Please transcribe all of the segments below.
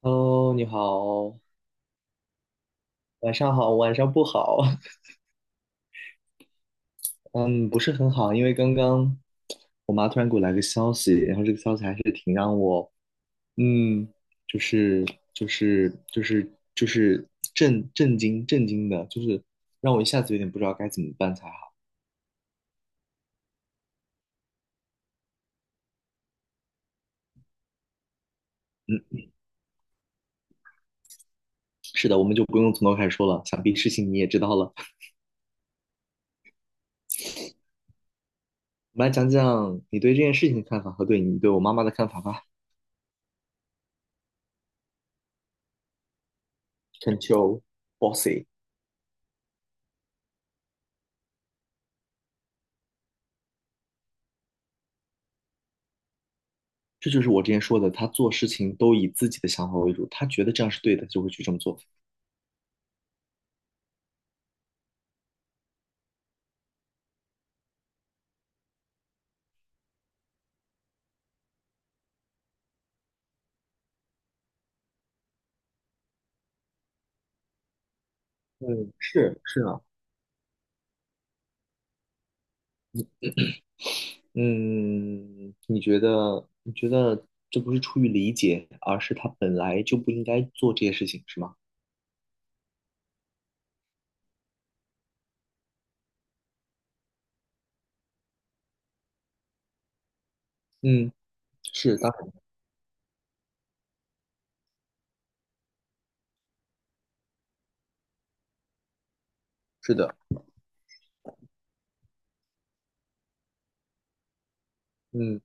Hello，你好，晚上好，晚上不好，嗯，不是很好，因为刚刚我妈突然给我来个消息，然后这个消息还是挺让我，嗯，就是就是震惊的，就是让我一下子有点不知道该怎么办才好。嗯，是的，我们就不用从头开始说了，想必事情你也知道了。我们来讲讲你对这件事情的看法和对我妈妈的看法吧。Control bossy。这就是我之前说的，他做事情都以自己的想法为主，他觉得这样是对的，就会去这么做。嗯，是是啊，嗯，你觉得这不是出于理解，而是他本来就不应该做这些事情，是吗？嗯，是，当然是的，嗯，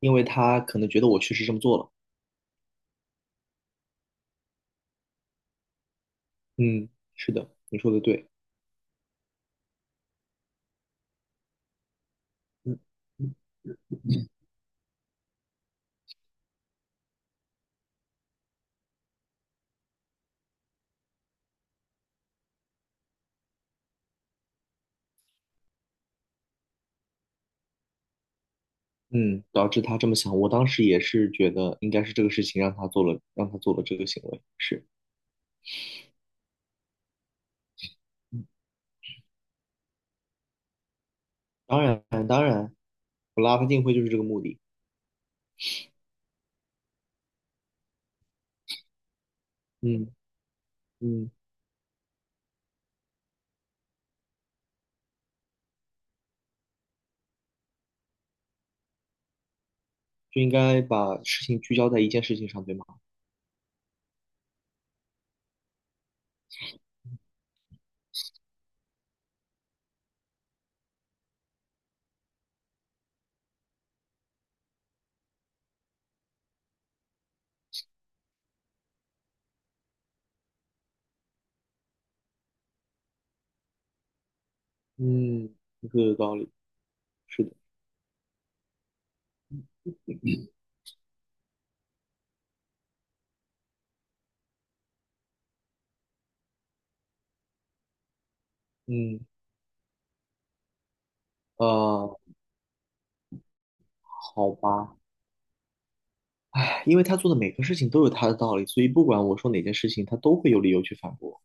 因为他可能觉得我确实这么做了，嗯，是的，你说的对，嗯嗯，导致他这么想，我当时也是觉得应该是这个事情让他做了这个行为，是，嗯当然，我拉他进会就是这个目的。嗯嗯，就应该把事情聚焦在一件事情上，对吗？嗯，这个有道理，是的，嗯，呃，好吧，唉因为他做的每个事情都有他的道理，所以不管我说哪件事情，他都会有理由去反驳。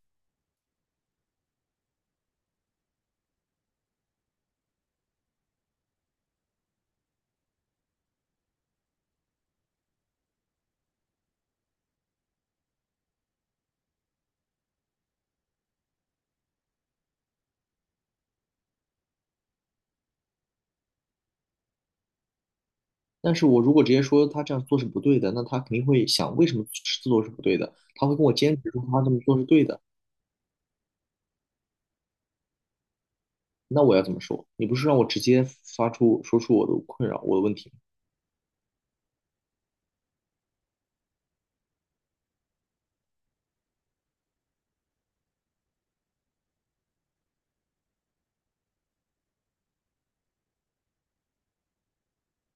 但是我如果直接说他这样做是不对的，那他肯定会想为什么这么做是不对的，他会跟我坚持说他这么做是对的，那我要怎么说？你不是让我直接说出我的困扰，我的问题吗？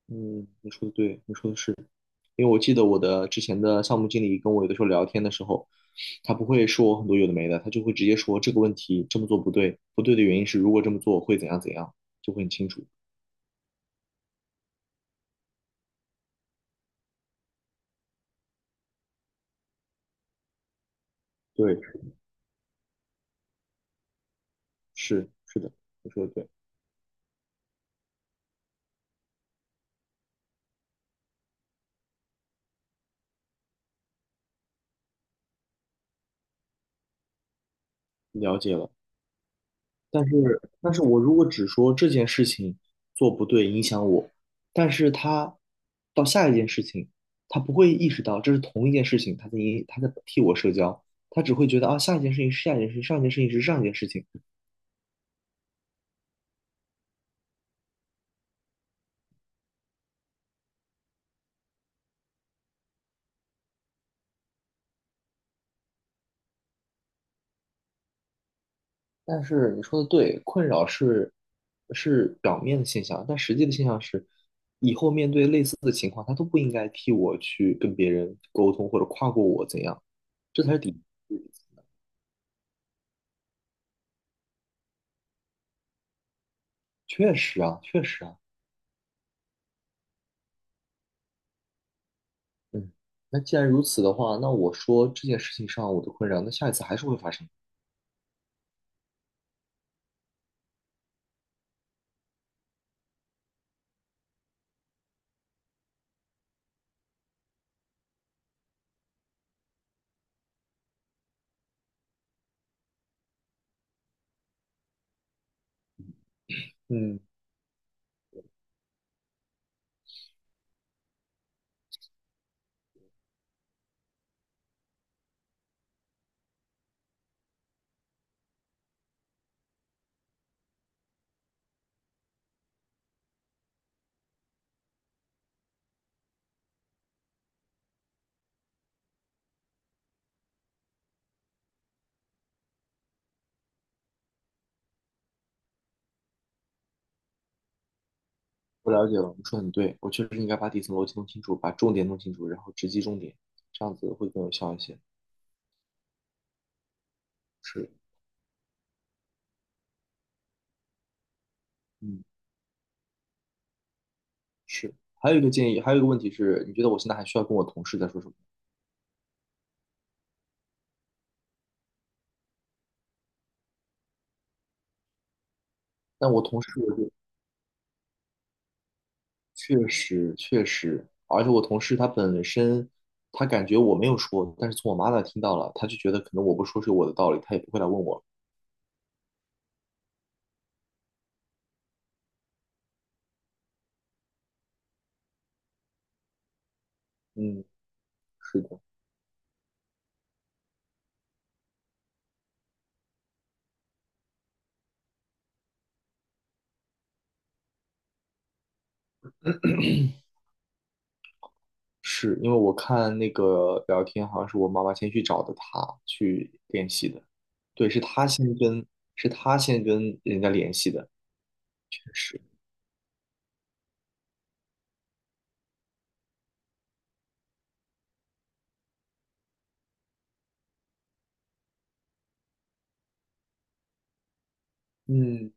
嗯，你说的对，你说的是，因为我记得我的之前的项目经理跟我有的时候聊天的时候，他不会说很多有的没的，他就会直接说这个问题这么做不对，不对的原因是如果这么做会怎样怎样，就会很清楚。对，是的，你说的对，了解了。但是我如果只说这件事情做不对影响我，但是他到下一件事情，他不会意识到这是同一件事情，他在替我社交，他只会觉得啊下一件事情是下一件事情，上一件事情是上一件事情。但是你说的对，困扰是表面的现象，但实际的现象是，以后面对类似的情况，他都不应该替我去跟别人沟通或者跨过我怎样，这才是底。确实啊，确实啊。嗯，那既然如此的话，那我说这件事情上我的困扰，那下一次还是会发生。嗯，我了解了，你说得很对，我确实应该把底层逻辑弄清楚，把重点弄清楚，然后直击重点，这样子会更有效一些。是，嗯，是。还有一个建议，还有一个问题是，你觉得我现在还需要跟我同事再说什么？但我同事我就确实确实，而且我同事他本身他感觉我没有说，但是从我妈那听到了，他就觉得可能我不说是有我的道理，他也不会来问我。嗯，是的。是因为我看那个聊天，好像是我妈妈先去找的他去联系的，对，是他先跟人家联系的，确实，嗯，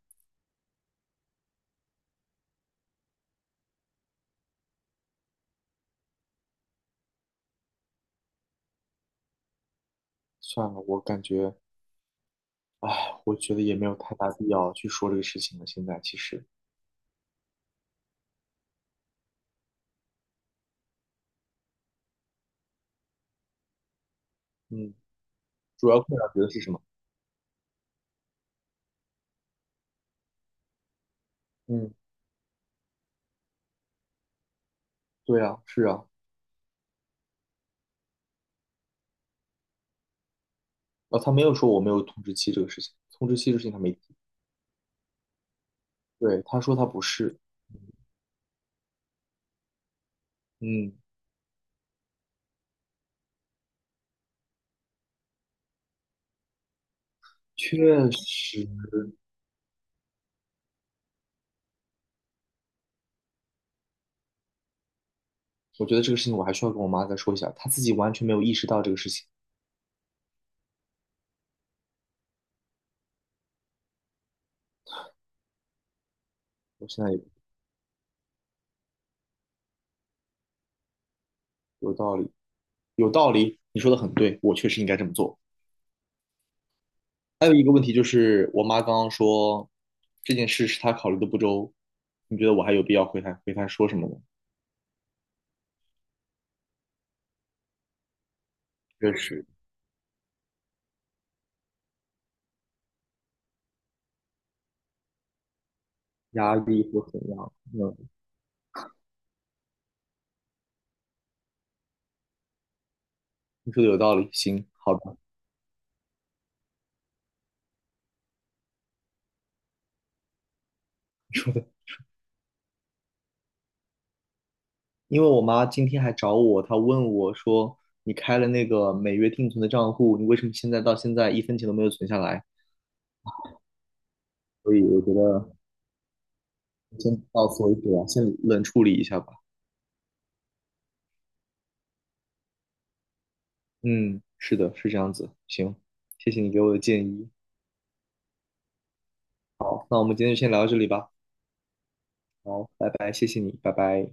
算了，我觉得也没有太大必要去说这个事情了。现在其实，嗯，主要困扰觉得是什么？嗯，对啊，是啊，啊，他没有说我没有通知期这个事情，通知期这个事情他没提，对，他说他不是，嗯，确实，我觉得这个事情我还需要跟我妈再说一下，她自己完全没有意识到这个事情。我现在有有道理，有道理，你说的很对，我确实应该这么做。还有一个问题就是，我妈刚刚说这件事是她考虑的不周，你觉得我还有必要回她说什么吗？确实，压力或怎样？嗯，你说的有道理，行，好的，你说的。因为我妈今天还找我，她问我说，你开了那个每月定存的账户，你为什么到现在一分钱都没有存下来？所以我觉得先到此为止吧，先冷处理一下吧。嗯，是的，是这样子。行，谢谢你给我的建议。好那我们今天就先聊到这里吧。好，拜拜，谢谢你，拜拜。